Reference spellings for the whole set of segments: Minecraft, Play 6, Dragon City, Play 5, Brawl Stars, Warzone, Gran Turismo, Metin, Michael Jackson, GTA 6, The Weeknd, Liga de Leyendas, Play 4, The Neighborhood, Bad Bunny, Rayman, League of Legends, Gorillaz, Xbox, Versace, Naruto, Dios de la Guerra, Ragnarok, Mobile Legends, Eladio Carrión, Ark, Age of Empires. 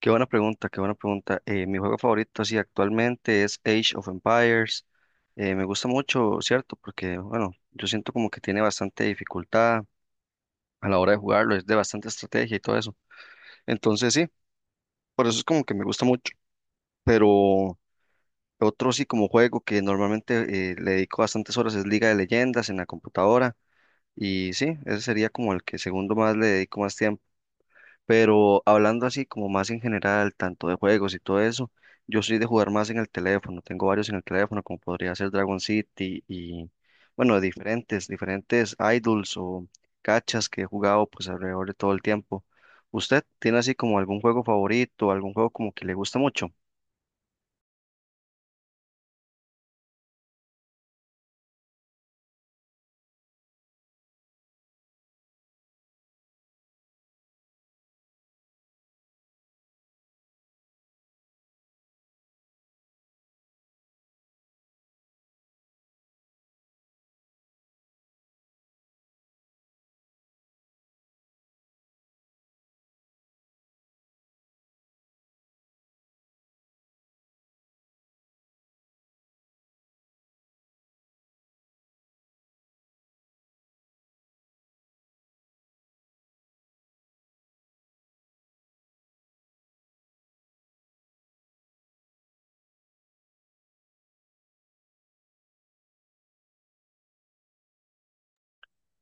Qué buena pregunta, qué buena pregunta. Mi juego favorito, así actualmente es Age of Empires. Me gusta mucho, ¿cierto? Porque, bueno, yo siento como que tiene bastante dificultad a la hora de jugarlo, es de bastante estrategia y todo eso. Entonces, sí, por eso es como que me gusta mucho. Pero otro sí como juego que normalmente le dedico bastantes horas es Liga de Leyendas en la computadora. Y sí, ese sería como el que segundo más le dedico más tiempo. Pero hablando así como más en general, tanto de juegos y todo eso, yo soy de jugar más en el teléfono, tengo varios en el teléfono, como podría ser Dragon City y, bueno, diferentes idols o cachas que he jugado pues alrededor de todo el tiempo. ¿Usted tiene así como algún juego favorito, algún juego como que le gusta mucho?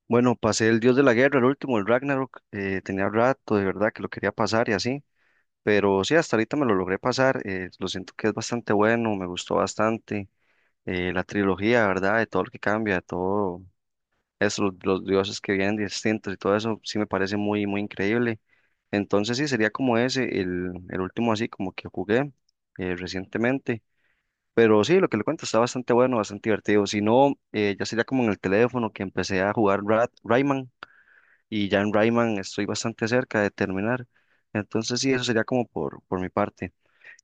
Bueno, pasé el Dios de la Guerra, el último, el Ragnarok, tenía rato de verdad que lo quería pasar y así, pero sí, hasta ahorita me lo logré pasar, lo siento que es bastante bueno, me gustó bastante. La trilogía, ¿verdad? De todo lo que cambia, de todo eso, los dioses que vienen distintos y todo eso, sí me parece muy, muy increíble. Entonces sí, sería como ese, el último así como que jugué recientemente. Pero sí, lo que le cuento está bastante bueno, bastante divertido. Si no, ya sería como en el teléfono que empecé a jugar Rayman y ya en Rayman estoy bastante cerca de terminar. Entonces sí, eso sería como por mi parte.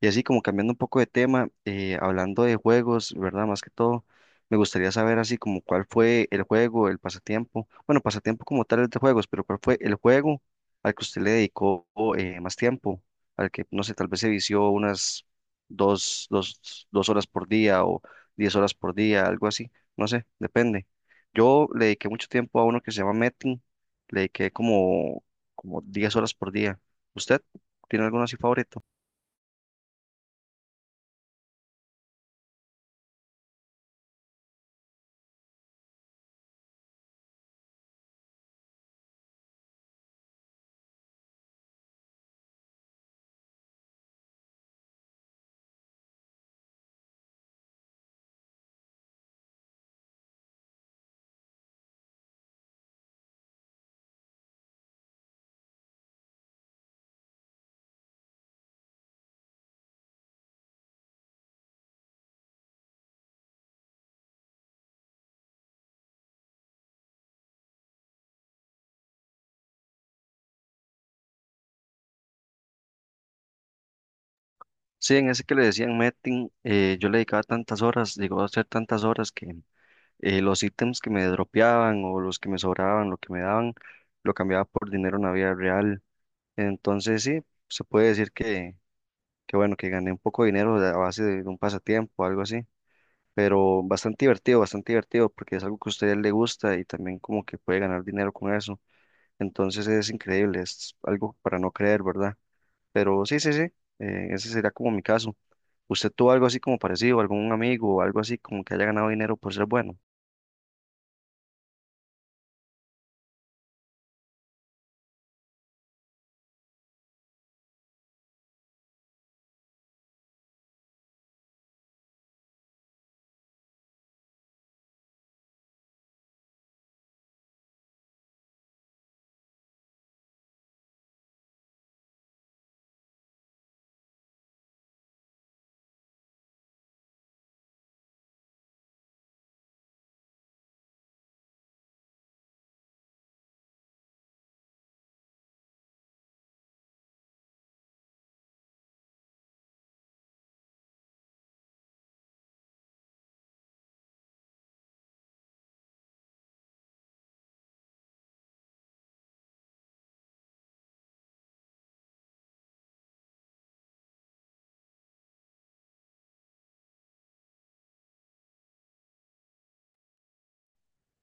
Y así como cambiando un poco de tema, hablando de juegos, ¿verdad? Más que todo, me gustaría saber así como cuál fue el juego, el pasatiempo, bueno, pasatiempo como tal es de juegos, pero cuál fue el juego al que usted le dedicó más tiempo, al que, no sé, tal vez se vició unas dos horas por día o diez horas por día, algo así, no sé, depende. Yo le dediqué mucho tiempo a uno que se llama Metin, le dediqué como 10 horas por día. ¿Usted tiene alguno así favorito? Sí, en ese que le decían Metin, yo le dedicaba tantas horas, llegó a hacer tantas horas que los ítems que me dropeaban o los que me sobraban, lo que me daban, lo cambiaba por dinero en la vida real. Entonces sí, se puede decir que bueno, que gané un poco de dinero a base de, un pasatiempo o algo así, pero bastante divertido porque es algo que a usted le gusta y también como que puede ganar dinero con eso. Entonces es increíble, es algo para no creer, ¿verdad? Pero sí, sí, sí, ese sería como mi caso. ¿Usted tuvo algo así como parecido, algún amigo o algo así como que haya ganado dinero por ser bueno?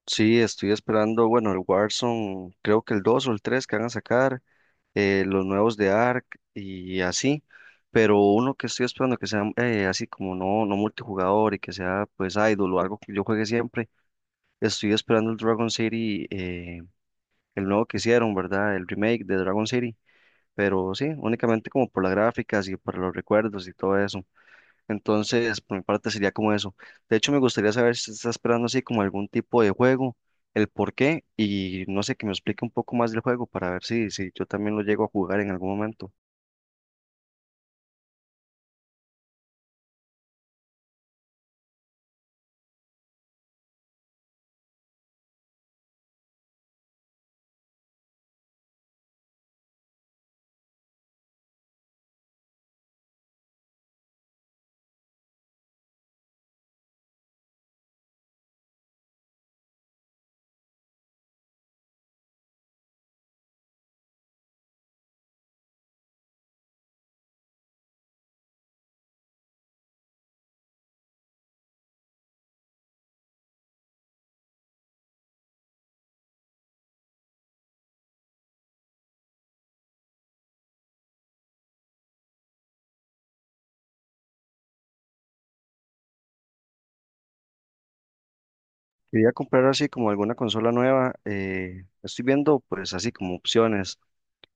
Sí, estoy esperando, bueno, el Warzone, creo que el 2 o el 3 que van a sacar, los nuevos de Ark y así, pero uno que estoy esperando que sea así como no, no multijugador y que sea pues idol o algo que yo juegue siempre, estoy esperando el Dragon City, el nuevo que hicieron, ¿verdad? El remake de Dragon City, pero sí, únicamente como por las gráficas y por los recuerdos y todo eso. Entonces, por mi parte sería como eso. De hecho, me gustaría saber si está esperando así como algún tipo de juego, el por qué y no sé, que me explique un poco más del juego para ver si yo también lo llego a jugar en algún momento. Quería comprar así como alguna consola nueva. Estoy viendo pues así como opciones.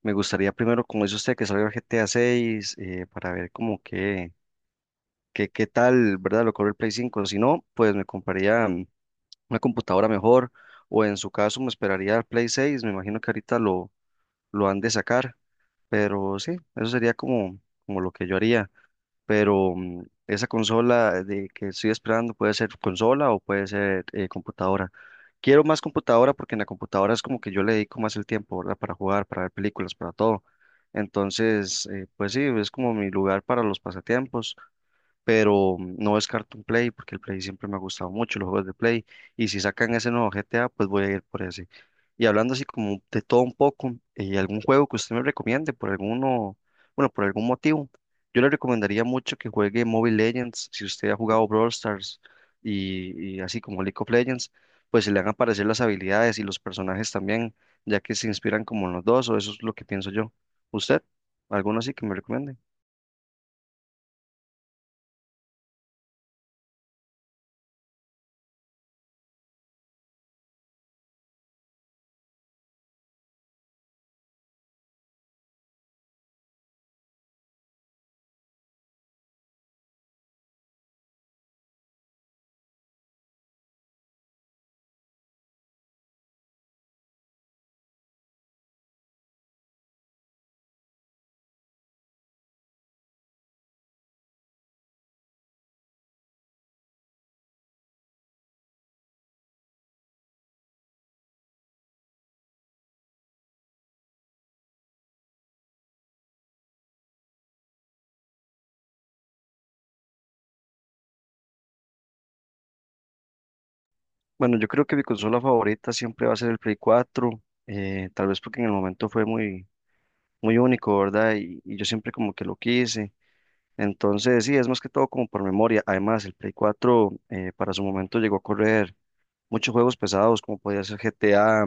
Me gustaría primero, como dice usted, que salga el GTA 6 para ver como qué tal, ¿verdad? Lo corre el Play 5. Si no, pues me compraría una computadora mejor o en su caso me esperaría el Play 6. Me imagino que ahorita lo han de sacar. Pero sí, eso sería como lo que yo haría. Pero esa consola de que estoy esperando puede ser consola o puede ser computadora. Quiero más computadora porque en la computadora es como que yo le dedico más el tiempo, ¿verdad? Para jugar, para ver películas, para todo. Entonces, pues sí, es como mi lugar para los pasatiempos pero no descarto un Play porque el Play siempre me ha gustado mucho, los juegos de Play, y si sacan ese nuevo GTA, pues voy a ir por ese. Y hablando así como de todo un poco, algún juego que usted me recomiende por alguno, bueno, por algún motivo, yo le recomendaría mucho que juegue Mobile Legends, si usted ha jugado Brawl Stars y así como League of Legends, pues se le van a aparecer las habilidades y los personajes también, ya que se inspiran como en los dos, o eso es lo que pienso yo. ¿Usted? ¿Alguno así que me recomiende? Bueno, yo creo que mi consola favorita siempre va a ser el Play 4, tal vez porque en el momento fue muy, muy único, ¿verdad? Y yo siempre como que lo quise. Entonces, sí, es más que todo como por memoria. Además, el Play 4 para su momento llegó a correr muchos juegos pesados, como podía ser GTA,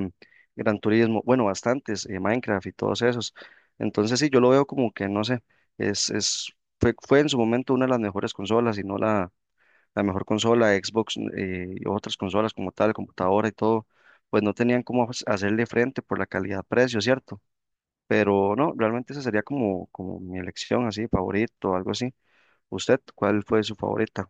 Gran Turismo, bueno, bastantes, Minecraft y todos esos. Entonces, sí, yo lo veo como que, no sé, es, es, fue en su momento una de las mejores consolas y no la mejor consola, Xbox y otras consolas como tal, computadora y todo, pues no tenían cómo hacerle frente por la calidad-precio, ¿cierto? Pero no, realmente esa sería como mi elección así, favorito o algo así. ¿Usted cuál fue su favorita?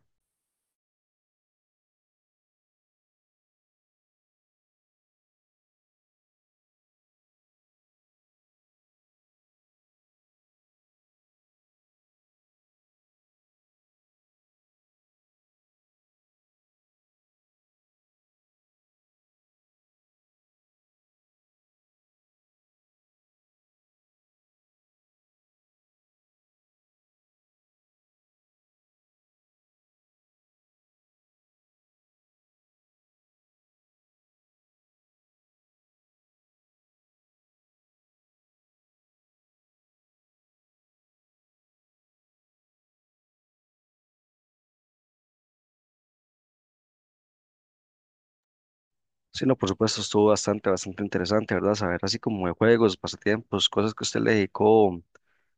Sí, no, por supuesto, estuvo bastante, bastante interesante, ¿verdad? Saber así como de juegos, pasatiempos, cosas que usted le dedicó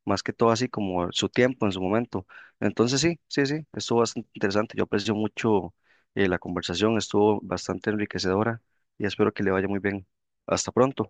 más que todo así como su tiempo en su momento. Entonces sí, sí, sí, estuvo bastante interesante. Yo aprecio mucho la conversación, estuvo bastante enriquecedora y espero que le vaya muy bien. Hasta pronto.